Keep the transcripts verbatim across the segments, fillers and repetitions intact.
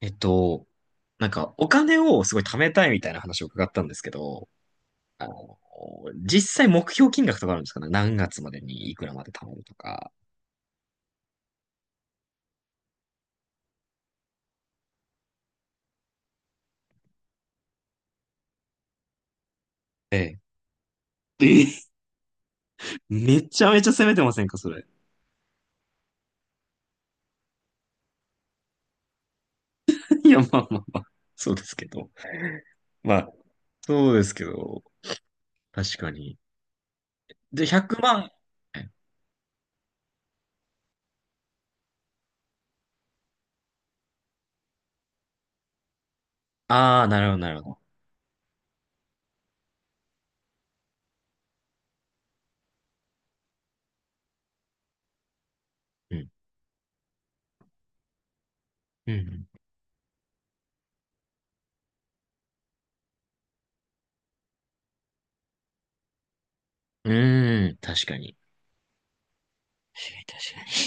えっと、なんかお金をすごい貯めたいみたいな話を伺ったんですけど、あの、実際目標金額とかあるんですかね、何月までにいくらまで貯めるとか？ええ。えめちゃめちゃ攻めてませんか、それ。いや、まあまあまあ。そうですけど。まあ、そうですけど、確かに。で、ひゃくまん。ああー、なるほど、なるほど。うん。うん。うんうーん、確かに。確か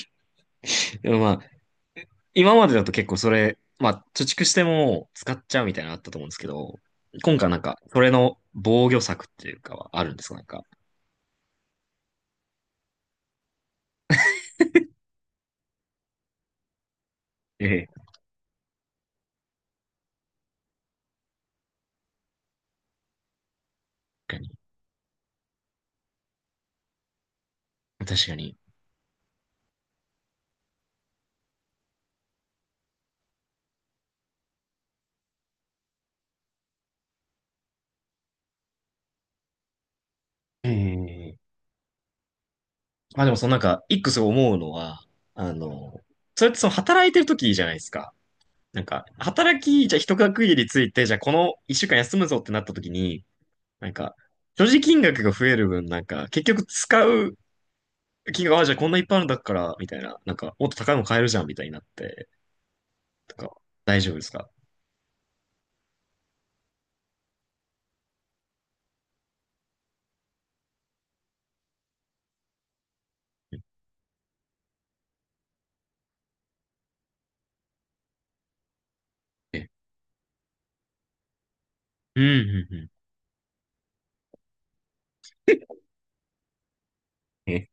に。でもまあ、今までだと結構それ、まあ、貯蓄しても使っちゃうみたいなのあったと思うんですけど、今回なんか、それの防御策っていうかはあるんですかなんか？ええ。確かに。確かに。ええ。まあでもそのなんか、一個すごい思うのは、あの、それってその働いてる時じゃないですか。なんか、働き、じゃあ一区切りついて、じゃあこの一週間休むぞってなった時に、なんか、所持金額が増える分、なんか、結局使う金額、あ、じゃあこんないっぱいあるんだから、みたいな、なんか、もっと高いの買えるじゃん、みたいになって、とか、大丈夫ですか？ええ。うん、うん、うん。え、え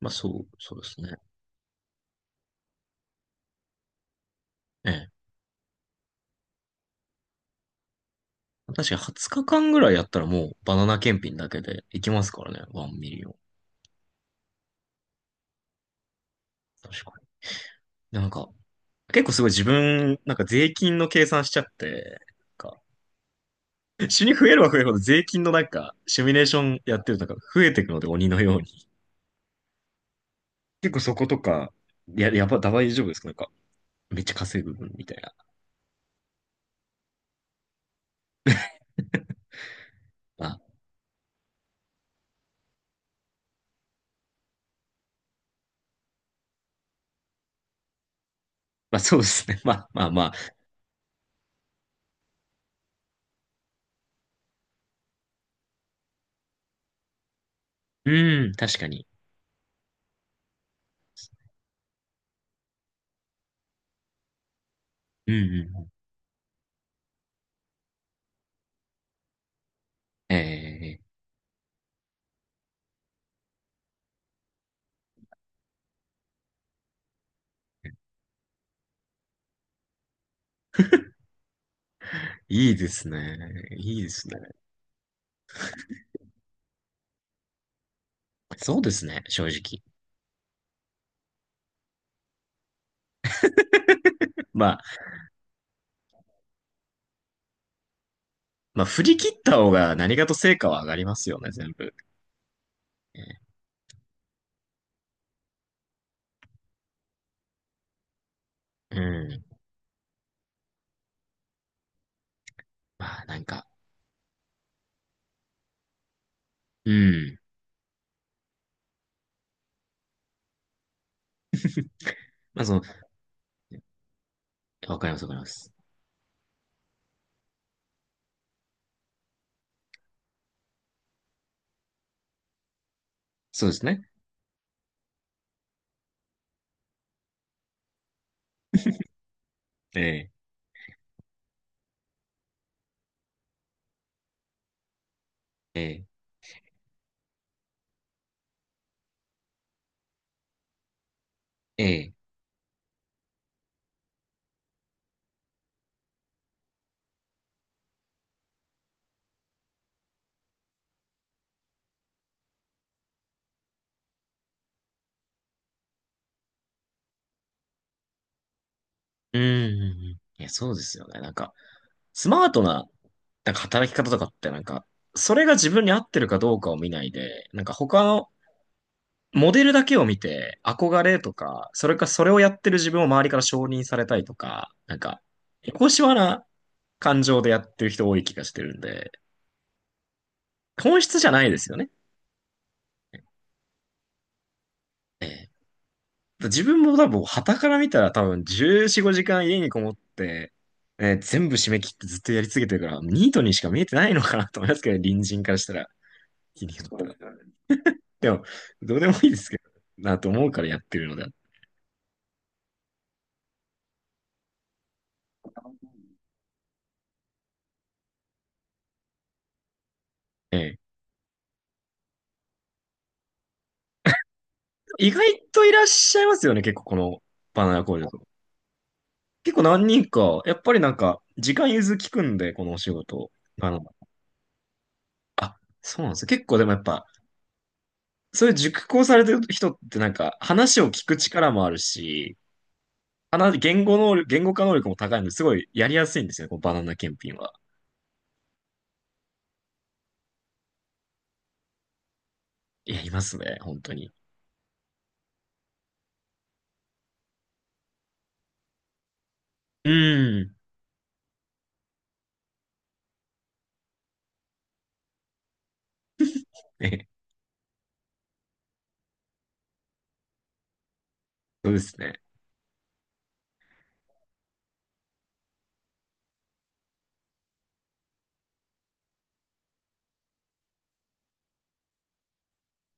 まあそう、そうですね。ええ。確かにはつかかんぐらいやったらもうバナナ検品だけでいきますからね、ワンミリオン。確かに。でなんか、結構すごい自分、なんか税金の計算しちゃって、なんか、死に増えるは増えるほど税金のなんか、シミュレーションやってるとなんか増えていくので鬼のように。結構そことか、や、やば、大丈夫ですかなんか、めっちゃ稼ぐみたいな。まあ、まあそうですね。まあまあまあ。うん、確かに。うん、うん、ええ、いいですね。いいですね。そうですね、正直。まあ、まあ、振り切った方が何かと成果は上がりますよね、全部。ええ。うん。まあ、なんか、うん。まあ、その、わかります、わかります。そうですね。ええ、ええ、ええ。うん、うんうん。いや、そうですよね。なんか、スマートな、なんか働き方とかって、なんか、それが自分に合ってるかどうかを見ないで、なんか他のモデルだけを見て憧れとか、それかそれをやってる自分を周りから承認されたいとか、なんか、エコシワな感情でやってる人多い気がしてるんで、本質じゃないですよね。ええ。自分も多分、傍から見たら多分じゅうよん、ごじかん家にこもって、えー全部締め切ってずっとやり続けてるから、ニートにしか見えてないのかなと思いますけど、ね、隣人からしたら、気にそうですよってでも、どうでもいいですけど、なと思うからやってるのであって、ええ、意外といらっしゃいますよね、結構このバナナ工場と結構何人か、やっぱりなんか、時間融通きくんで、このお仕事。あの、あ、そうなんですよ。結構でもやっぱ、そういう熟考されてる人ってなんか、話を聞く力もあるし、話、言語能力、言語化能力も高いので、すごいやりやすいんですよね、このバナナ検品は。いや、いますね、本当に。うん。え、そうですね。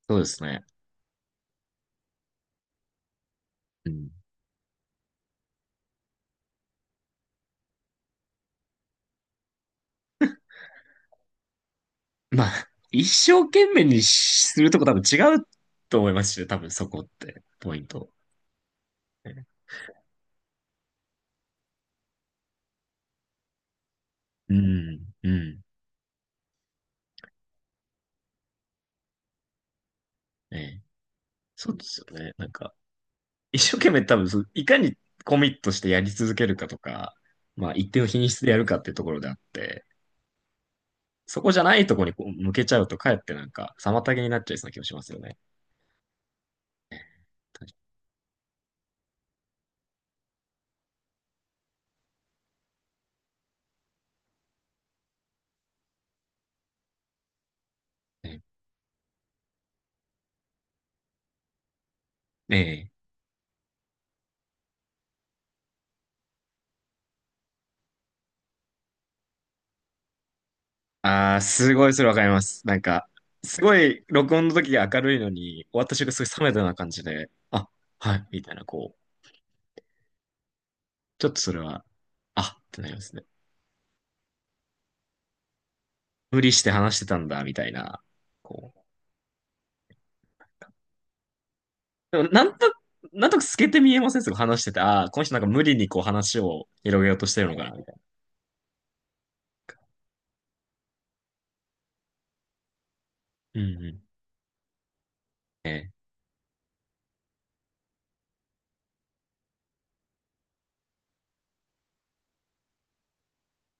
そうですね。うん。まあ、一生懸命にしするとこ多分違うと思いますしね、多分そこって、ポイント。うん、うん。ええ。そうですよね。なんか、一生懸命多分そう、いかにコミットしてやり続けるかとか、まあ一定の品質でやるかっていうところであって、そこじゃないところにこう向けちゃうとかえってなんか妨げになっちゃいそうな気もしますよね。確かに。ねえ。えああ、すごいそれわかります。なんか、すごい録音の時が明るいのに、終わった瞬間すごい冷めたような感じで、あ、はい、みたいな、こう、ちょっとそれは、あってなりますね。無理して話してたんだ、みたいな、こでもなんと、なんとなく透けて見えませんすごい話してて、ああ、この人なんか無理にこう話を広げようとしてるのかな、みたいな。うんうん。ええ。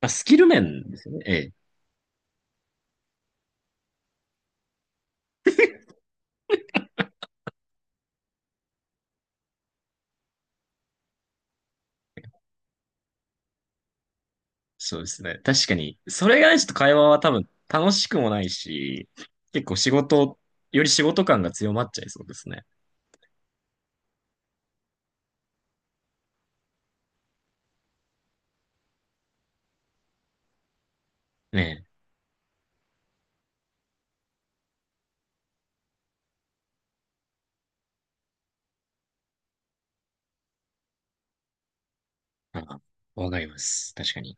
まあ、スキル面ですよね。ええ。そうですね。確かに。それがないちょっと会話は多分楽しくもないし、結構仕事、より仕事感が強まっちゃいそうですね。ねえ。ああ。わかります。確かに。